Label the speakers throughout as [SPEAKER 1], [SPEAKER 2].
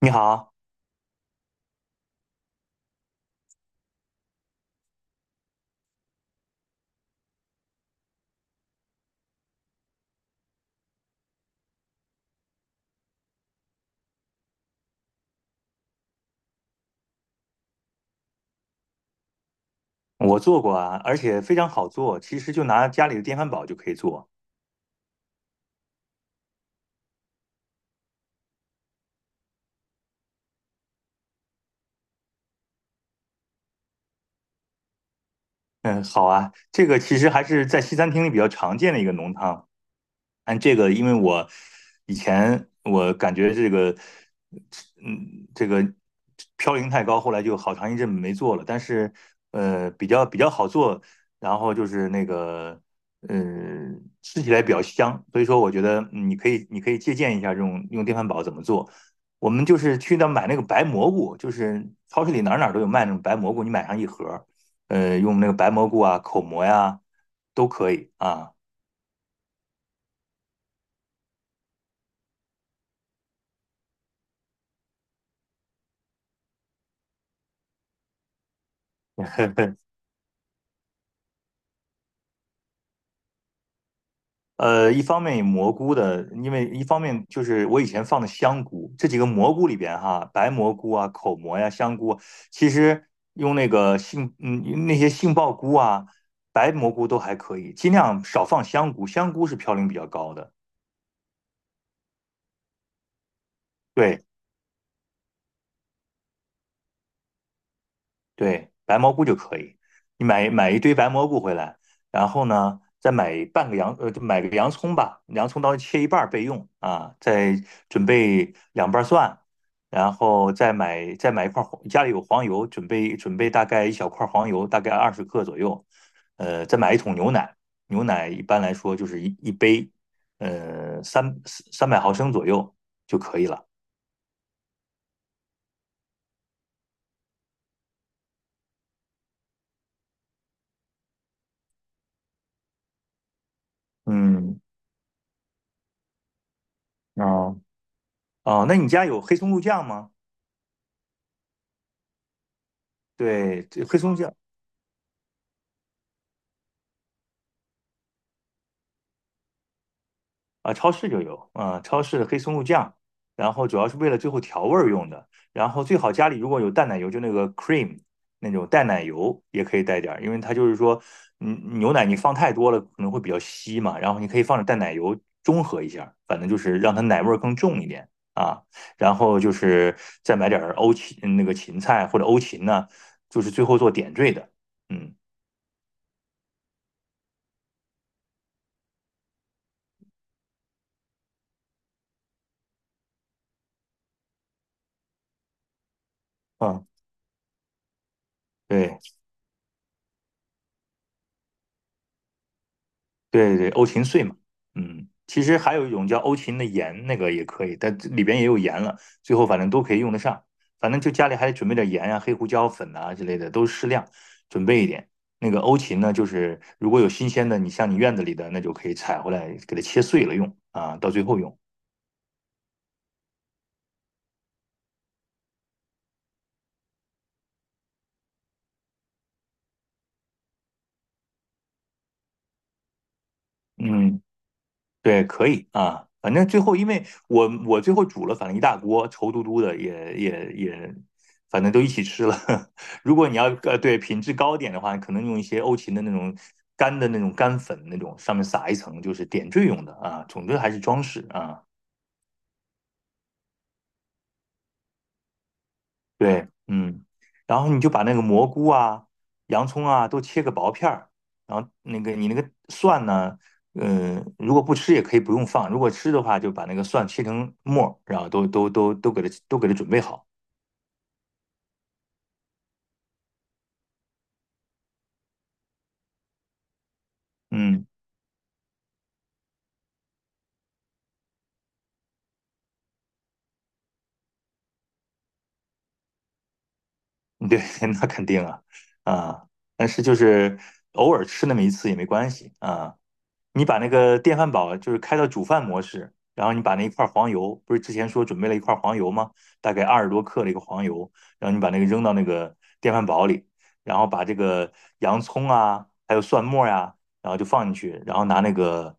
[SPEAKER 1] 你好，我做过啊，而且非常好做，其实就拿家里的电饭煲就可以做。嗯，好啊，这个其实还是在西餐厅里比较常见的一个浓汤。按这个，因为我以前我感觉这个，嗯，这个嘌呤太高，后来就好长一阵没做了。但是，比较好做，然后就是那个，吃起来比较香。所以说，我觉得你可以借鉴一下这种用电饭煲怎么做。我们就是去那买那个白蘑菇，就是超市里哪儿哪儿都有卖那种白蘑菇，你买上一盒儿用那个白蘑菇啊、口蘑呀、都可以啊。一方面蘑菇的，因为一方面就是我以前放的香菇，这几个蘑菇里边哈，白蘑菇啊、口蘑呀、香菇，其实用那个杏，那些杏鲍菇啊、白蘑菇都还可以，尽量少放香菇，香菇是嘌呤比较高的。对，对，白蘑菇就可以。你买一堆白蘑菇回来，然后呢，再买半个洋呃，就买个洋葱吧，洋葱刀切一半儿备用啊。再准备两瓣蒜，然后再买再买一块儿黄，家里有黄油，准备准备大概一小块儿黄油，大概20克左右。再买一桶牛奶，牛奶一般来说就是一杯，300毫升左右就可以了。嗯，哦，哦，那你家有黑松露酱吗？对，这黑松酱啊，超市就有啊，超市的黑松露酱，然后主要是为了最后调味儿用的。然后最好家里如果有淡奶油，就那个 cream 那种淡奶油也可以带点儿，因为它就是说，牛奶你放太多了可能会比较稀嘛，然后你可以放点淡奶油中和一下反正就是让它奶味儿更重一点啊。然后就是再买点儿欧芹那个芹菜或者欧芹呢，就是最后做点缀的，嗯嗯，对。对对，对，欧芹碎嘛，嗯，其实还有一种叫欧芹的盐，那个也可以，但里边也有盐了，最后反正都可以用得上，反正就家里还得准备点盐啊、黑胡椒粉啊之类的，都适量准备一点。那个欧芹呢，就是如果有新鲜的，你像你院子里的，那就可以采回来，给它切碎了用啊，到最后用。嗯，对，可以啊，反正最后因为我最后煮了，反正一大锅稠嘟嘟的，也也也，反正都一起吃了。如果你要对品质高点的话，可能用一些欧芹的那种干的那种干粉那种，上面撒一层，就是点缀用的啊。总之还是装饰啊。对，嗯，然后你就把那个蘑菇啊、洋葱啊都切个薄片儿，然后那个你那个蒜呢，嗯，如果不吃也可以不用放，如果吃的话就把那个蒜切成末儿然后都给它准备好。嗯，对，那肯定啊，啊，但是就是偶尔吃那么一次也没关系啊。你把那个电饭煲就是开到煮饭模式，然后你把那一块黄油，不是之前说准备了一块黄油吗？大概20多克的一个黄油，然后你把那个扔到那个电饭煲里，然后把这个洋葱啊，还有蒜末呀、然后就放进去，然后拿那个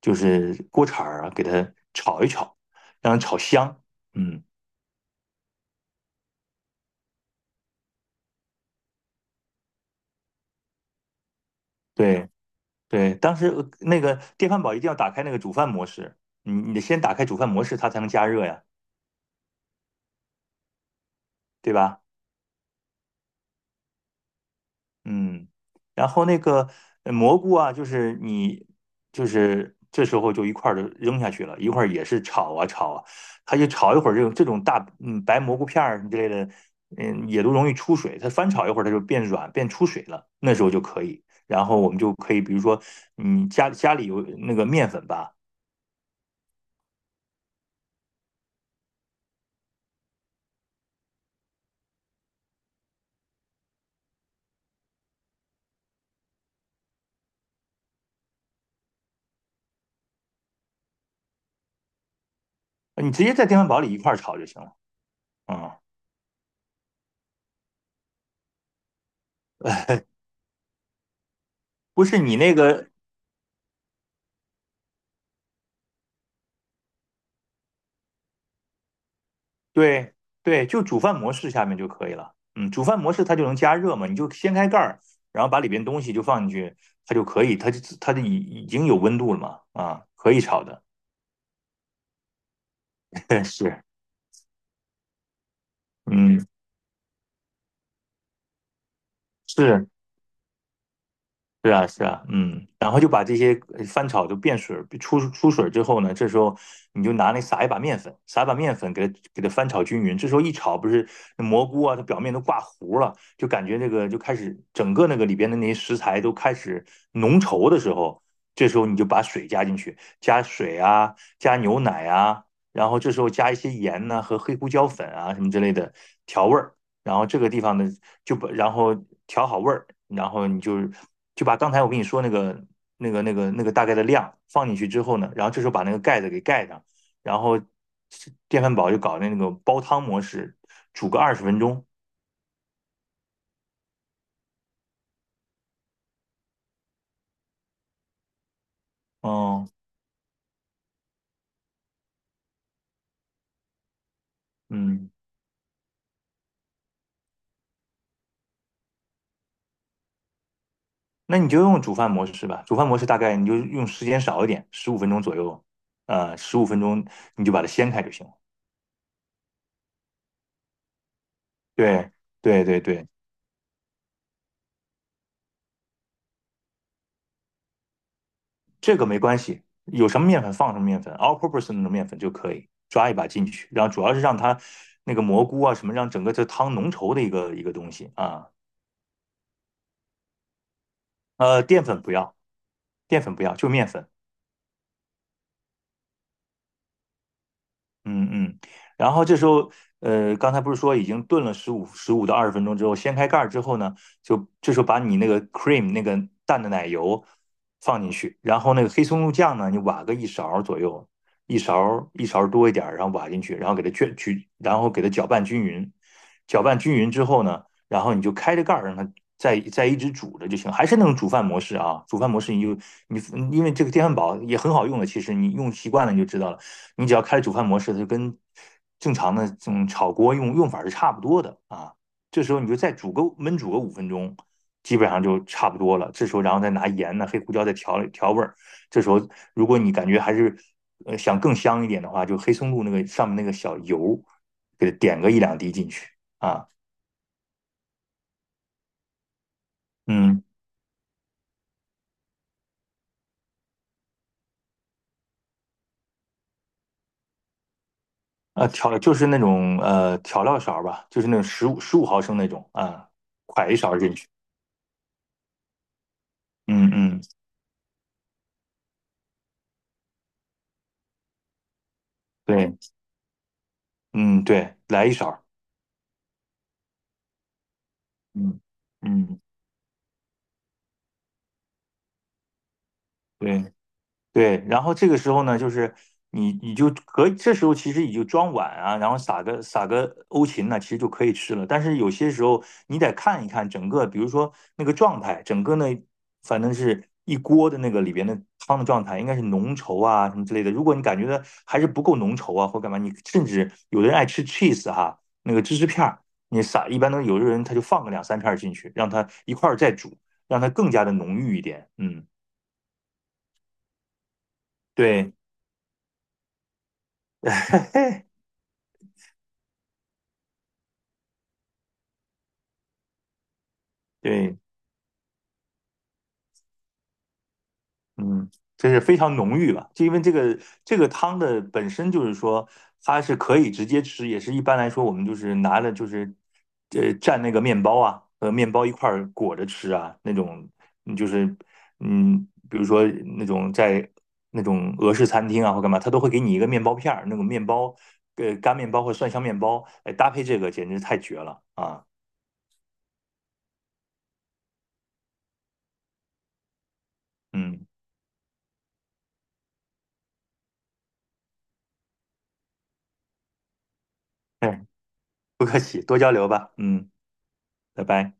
[SPEAKER 1] 就是锅铲儿啊，给它炒一炒，让它炒香。嗯，对对，当时那个电饭煲一定要打开那个煮饭模式，你得先打开煮饭模式，它才能加热呀，对吧？嗯，然后那个蘑菇啊，就是你就是这时候就一块儿就扔下去了，一会儿也是炒啊炒啊，它就炒一会儿这种大白蘑菇片儿之类的，也都容易出水，它翻炒一会儿它就变软变出水了，那时候就可以，然后我们就可以比如说你家家里有那个面粉吧，你直接在电饭煲里一块儿炒就行了，嗯，不是你那个对对，就煮饭模式下面就可以了。嗯，煮饭模式它就能加热嘛，你就掀开盖儿，然后把里边东西就放进去，它就可以，它就已经有温度了嘛，啊，可以炒的。是，嗯，是。是啊，是啊，嗯，然后就把这些翻炒就变水儿，出水儿之后呢，这时候你就拿那撒一把面粉，撒一把面粉给它翻炒均匀。这时候一炒，不是那蘑菇啊，它表面都挂糊了，就感觉那个就开始整个那个里边的那些食材都开始浓稠的时候，这时候你就把水加进去，加水啊，加牛奶啊，然后这时候加一些盐呐、和黑胡椒粉啊什么之类的调味儿。然后这个地方呢，就把然后调好味儿，然后你就把刚才我跟你说那个大概的量放进去之后呢，然后这时候把那个盖子给盖上，然后电饭煲就搞那个煲汤模式，煮个二十分钟。哦，嗯，那你就用煮饭模式吧，煮饭模式大概你就用时间少一点，十五分钟左右，十五分钟你就把它掀开就行了。对对对对。这个没关系，有什么面粉放什么面粉，all purpose 那种面粉就可以抓一把进去，然后主要是让它那个蘑菇啊什么，让整个这汤浓稠的一个东西啊。淀粉不要，淀粉不要，就面粉。嗯嗯，然后这时候，刚才不是说已经炖了15到20分钟之后，掀开盖儿之后呢，就这时候把你那个 cream 那个淡的奶油放进去，然后那个黑松露酱呢，你挖个一勺儿左右，一勺儿一勺儿多一点儿，然后挖进去，然后给它卷去，然后给它搅拌均匀，搅拌均匀之后呢，然后你就开着盖儿让它再一直煮着就行，还是那种煮饭模式啊。煮饭模式你因为这个电饭煲也很好用的，其实你用习惯了你就知道了。你只要开煮饭模式，它就跟正常的这种炒锅用法是差不多的啊。这时候你就再煮个焖煮个五分钟，基本上就差不多了。这时候然后再拿盐呢、黑胡椒再调调味儿。这时候如果你感觉还是想更香一点的话，就黑松露那个上面那个小油给它点个一两滴进去啊，嗯。调就是那种调料勺吧，就是那种15毫升那种啊，㧟一勺进去。嗯嗯，对，嗯对，来一勺。嗯嗯，对，对，然后这个时候呢，就是你就可以，这时候其实你就装碗啊，然后撒个欧芹呢，其实就可以吃了。但是有些时候你得看一看整个，比如说那个状态，整个呢，反正是一锅的那个里边的汤的状态，应该是浓稠啊什么之类的。如果你感觉到还是不够浓稠啊，或干嘛，你甚至有的人爱吃 cheese 哈，那个芝士片儿，一般都有的人他就放个两三片儿进去，让它一块儿再煮，让它更加的浓郁一点。嗯，对。对，嗯，这是非常浓郁吧？就因为这个汤的本身就是说，它是可以直接吃，也是一般来说我们就是拿了就是蘸那个面包啊和面包一块儿裹着吃啊那种，就是嗯，比如说在那种俄式餐厅啊或干嘛，他都会给你一个面包片儿，那种面包干面包或蒜香面包，哎搭配这个简直太绝了啊！嗯，哎，不客气，多交流吧，嗯，拜拜。